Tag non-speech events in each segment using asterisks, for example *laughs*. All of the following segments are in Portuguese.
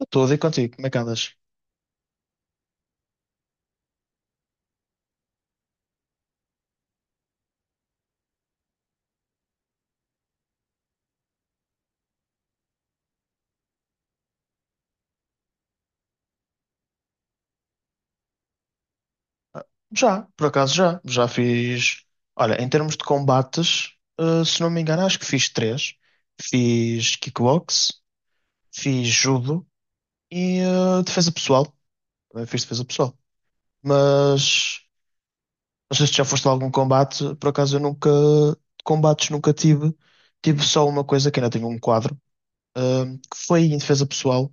Eu estou a dizer contigo, como é que andas? Já, por acaso já. Já fiz. Olha, em termos de combates, se não me engano, acho que fiz três. Fiz kickbox, fiz judo e defesa pessoal. Também fiz defesa pessoal. Mas não sei se já foste a algum combate. Por acaso eu nunca. Combates nunca tive. Tive só uma coisa que ainda tive um quadro, eh, que foi em defesa pessoal,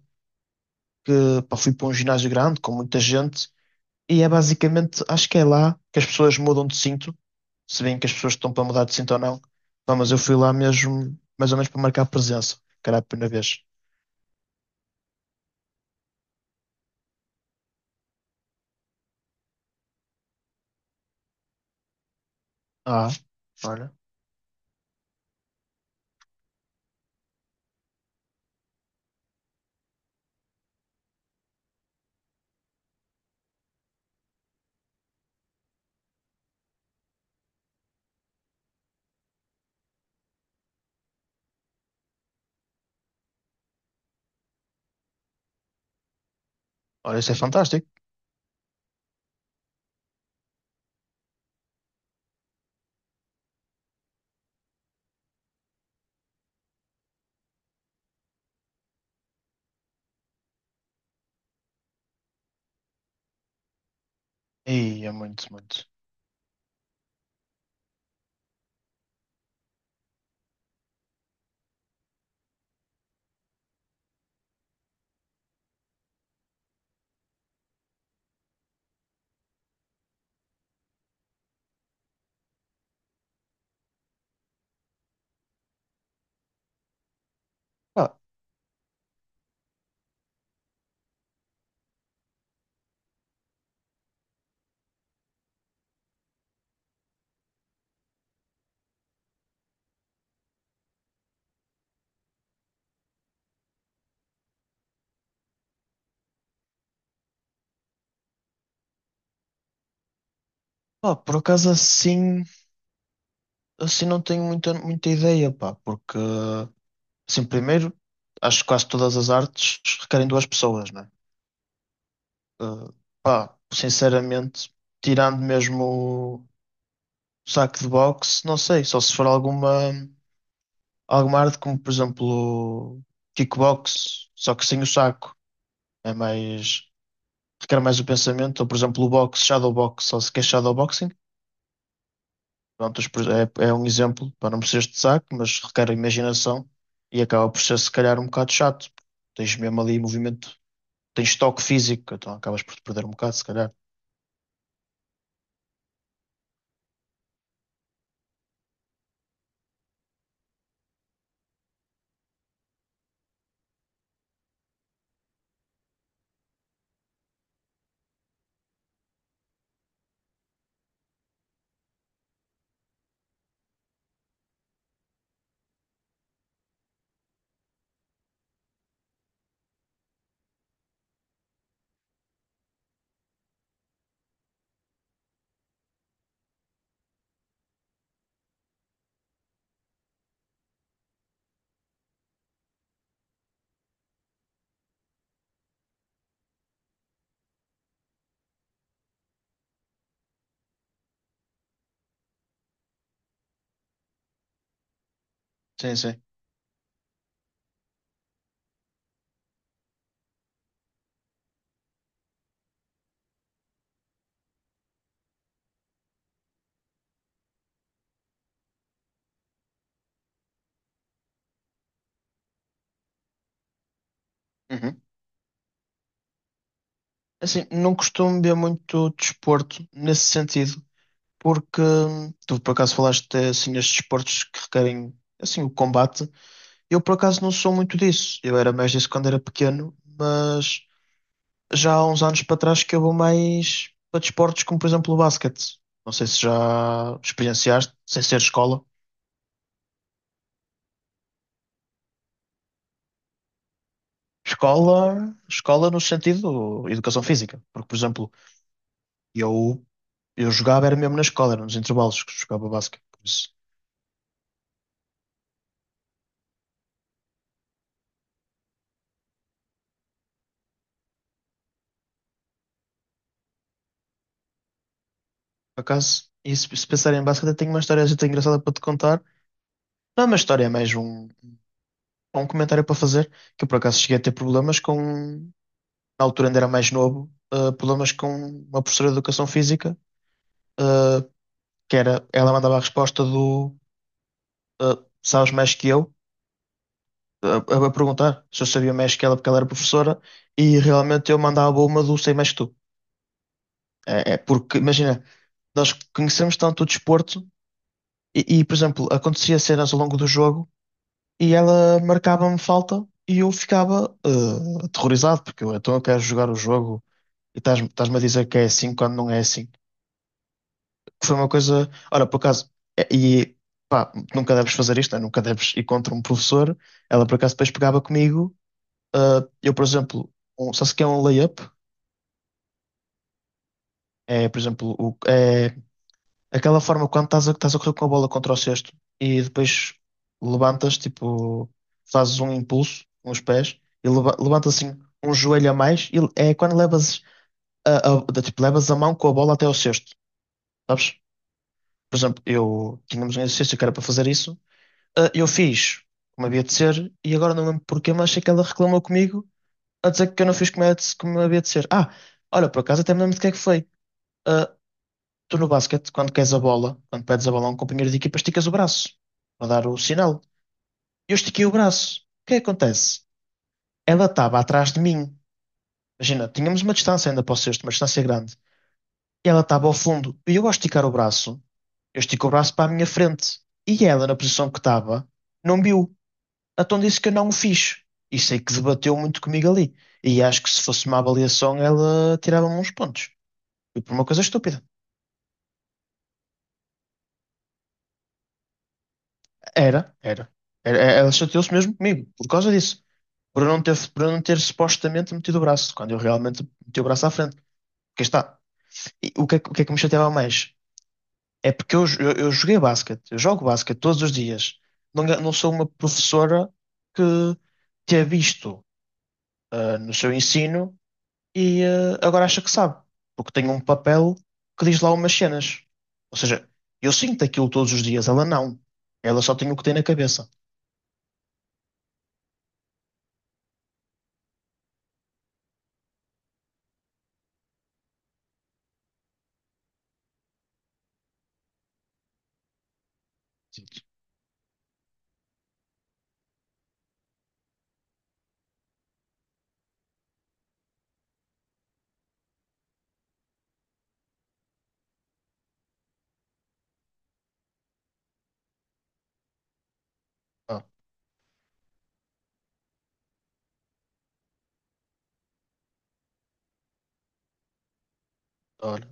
que pá, fui para um ginásio grande com muita gente. E é basicamente, acho que é lá que as pessoas mudam de cinto, se bem que as pessoas estão para mudar de cinto ou não. Pá, mas eu fui lá mesmo, mais ou menos para marcar presença, que era a primeira vez. Ah, olha, olha, isso é fantástico. E é muito, muito. Pá, pá, por acaso assim, assim não tenho muita ideia, pá, porque, assim, primeiro, acho que quase todas as artes requerem duas pessoas, né? Eh, pá, sinceramente, tirando mesmo o saco de boxe, não sei, só se for alguma. Alguma arte como, por exemplo, kickbox, só que sem o saco. É mais, requer mais o pensamento. Ou, por exemplo, o boxe, shadowbox, só se quer shadowboxing. Pronto, é, é um exemplo para não precisares de saco, mas requer imaginação e acaba por ser, se calhar, um bocado chato. Tens mesmo ali movimento, tens toque físico, então acabas por te perder um bocado, se calhar. Sim, sim. Uhum. Assim, não costumo ver muito desporto nesse sentido. Porque tu por acaso falaste assim nestes esportes que requerem assim o combate. Eu por acaso não sou muito disso. Eu era mais disso quando era pequeno, mas já há uns anos para trás que eu vou mais para desportos como por exemplo o basquete. Não sei se já experienciaste, sem ser escola. Escola, escola no sentido educação física, porque por exemplo, eu eu jogava era mesmo na escola, era nos intervalos que jogava basquete, por isso. Por acaso, e se pensar em basquete, eu tenho uma história muito engraçada para te contar. Não é uma história, é mais um, um comentário para fazer, que eu por acaso cheguei a ter problemas com, na altura ainda era mais novo, problemas com uma professora de educação física, eh, que era, ela mandava a resposta do sabes mais que eu, a perguntar se eu sabia mais que ela porque ela era professora, e realmente eu mandava uma do sei mais que tu. É, é porque, imagina, nós conhecemos tanto o desporto, e, por exemplo, acontecia cenas ao longo do jogo e ela marcava-me falta e eu ficava aterrorizado, porque eu, então eu quero jogar o jogo e estás-me a dizer que é assim quando não é assim. Que foi uma coisa, olha, por acaso, eh, e pá, nunca deves fazer isto, né? Nunca deves ir contra um professor. Ela por acaso depois pegava comigo, eh, eu, por exemplo, sabe-se que é um layup? É, por exemplo, é aquela forma quando estás a correr com a bola contra o cesto e depois levantas, tipo, fazes um impulso com os pés e levantas assim um joelho a mais e é quando levas tipo, levas a mão com a bola até ao cesto, sabes? Por exemplo, eu tínhamos um exercício que era para fazer isso, ah, eu fiz como havia de ser e agora não lembro porquê, mas sei que ela reclamou comigo a dizer que eu não fiz como, como havia de ser. Ah, olha, por acaso até me lembro de que é que foi. Ah, tu no basquete, quando queres a bola, quando pedes a bola a um companheiro de equipa, esticas o braço para dar o sinal. Eu estiquei o braço. O que é que acontece? Ela estava atrás de mim. Imagina, tínhamos uma distância ainda para o cesto, uma distância grande. E ela estava ao fundo. E eu, ao esticar o braço, eu estico o braço para a minha frente. E ela, na posição que estava, não viu. Então disse que eu não o fiz. E sei que debateu muito comigo ali. E acho que se fosse uma avaliação, ela tirava-me uns pontos. Foi por uma coisa estúpida. Era, era. Ela chateou-se mesmo comigo, por causa disso. Por eu não ter, por eu não ter supostamente metido o braço, quando eu realmente meti o braço à frente. Porque está. E o que é que me chateava mais? É porque eu joguei basquete, eu jogo basquete todos os dias. Não, não sou uma professora que tenha visto ah, no seu ensino e agora acha que sabe, porque tem um papel que diz lá umas cenas. Ou seja, eu sinto aquilo todos os dias, ela não. Ela só tem o que tem na cabeça. Tipo, ah, olha,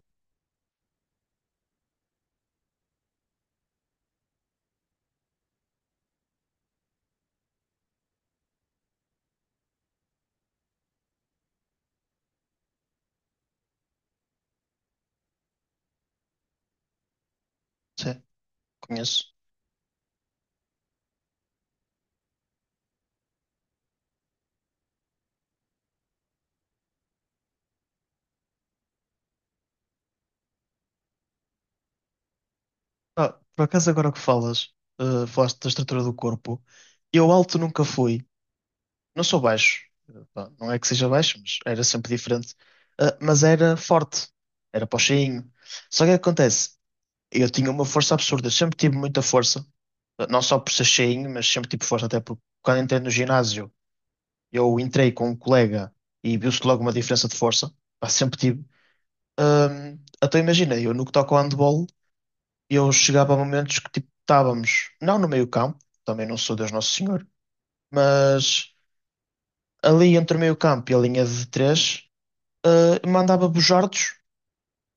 sim, conheço. Ah, por acaso agora que falas, falaste da estrutura do corpo, eu alto nunca fui. Não sou baixo, pá, não é que seja baixo, mas era sempre diferente. Ah, mas era forte, era pochinho. Só que o que acontece? Eu tinha uma força absurda, eu sempre tive muita força, ah, não só por ser cheinho, mas sempre tive força, até porque quando entrei no ginásio, eu entrei com um colega e viu-se logo uma diferença de força, pá, sempre tive. Ahm, então imagina, eu no que toca ao handball, eu chegava a momentos que tipo, estávamos, não no meio campo, também não sou Deus Nosso Senhor, mas ali entre o meio campo e a linha de três. Mandava bujardos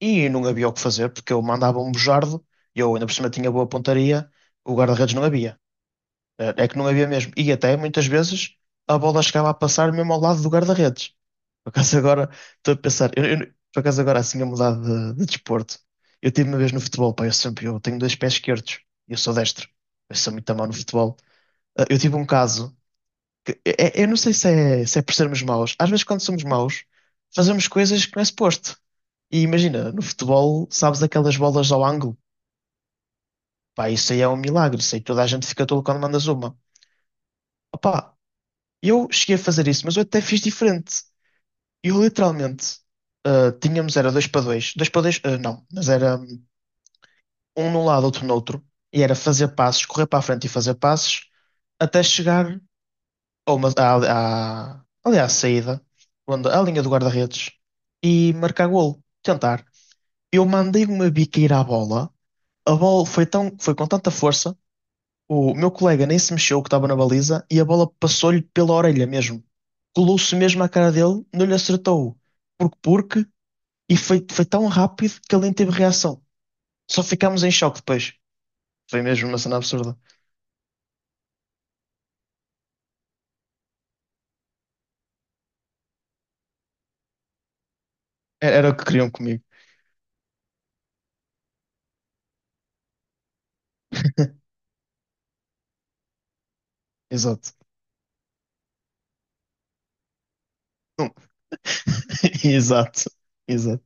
e não havia o que fazer, porque eu mandava um bujardo, e eu ainda por cima tinha boa pontaria, o guarda-redes não havia. É que não havia mesmo. E até muitas vezes a bola chegava a passar mesmo ao lado do guarda-redes. Por acaso agora estou a pensar, por acaso agora assim a mudar de desporto. Eu tive uma vez no futebol, pá, eu sempre eu tenho dois pés esquerdos, e eu sou destro, eu sou muito mau no futebol. Eu tive um caso é, eu não sei se é, se é por sermos maus. Às vezes, quando somos maus, fazemos coisas que não é suposto. E imagina, no futebol, sabes aquelas bolas ao ângulo? Pá, isso aí é um milagre. Isso aí toda a gente fica tolo quando mandas uma. Opá, eu cheguei a fazer isso, mas eu até fiz diferente. Eu literalmente, ah, tínhamos, era dois para dois ah, não, mas era um num lado, outro no outro. E era fazer passes, correr para a frente e fazer passes, até chegar ou uma, ali à saída, onde, à linha do guarda-redes, e marcar golo. Tentar. Eu mandei uma biqueira à bola, a bola foi, tão, foi com tanta força, o meu colega nem se mexeu que estava na baliza, e a bola passou-lhe pela orelha mesmo. Colou-se mesmo à cara dele, não lhe acertou. Porque foi, foi tão rápido que ele nem teve reação. Só ficámos em choque depois. Foi mesmo uma cena absurda. Era, era o que queriam comigo. Exato. *laughs* Exato. Exato.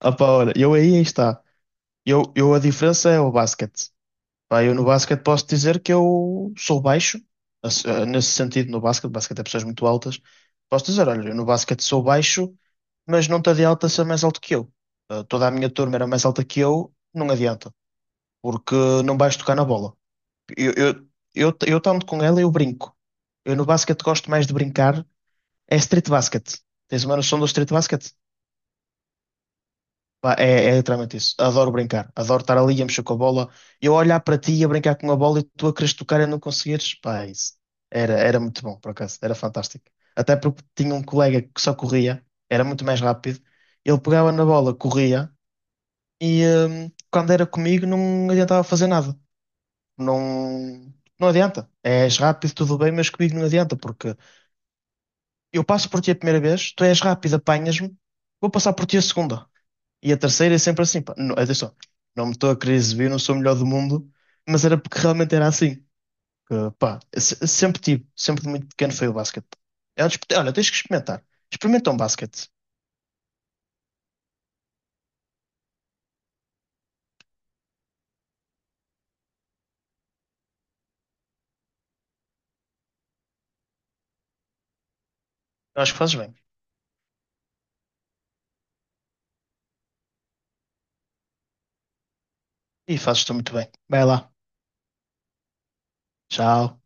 Ah pá, olha, eu aí está. Eu A diferença é o basquete. Pá, eu no basquete posso dizer que eu sou baixo, assim, nesse sentido, no basquete, basquete é pessoas muito altas. Posso dizer, olha, eu no basquete sou baixo, mas não te adianta ser mais alto que eu. Eh, toda a minha turma era mais alta que eu, não adianta, porque não vais tocar na bola. Eu, eu, eu tanto com ela, eu brinco. Eu no basquete gosto mais de brincar, é street basket. Tens uma noção do street basket? Pá, é, é literalmente isso. Adoro brincar. Adoro estar ali a mexer com a bola. Eu olhar para ti e a brincar com a bola e tu a quereres tocar e não conseguires. Pá, é isso. Era, era muito bom, por acaso. Era fantástico. Até porque tinha um colega que só corria. Era muito mais rápido. Ele pegava na bola, corria. E quando era comigo não adiantava fazer nada. Não, não adianta. És rápido, tudo bem, mas comigo não adianta. Porque eu passo por ti a primeira vez, tu és rápido, apanhas-me. Vou passar por ti a segunda. E a terceira é sempre assim, pá, não, atenção, não me estou a querer exibir, não sou o melhor do mundo, mas era porque realmente era assim. Que, pá, sempre tive, sempre de muito pequeno foi o basquete. É um desporto- olha, tens que experimentar. Experimenta um basquete. Eu acho que fazes bem. E fazes-te muito bem. Vai lá. Tchau.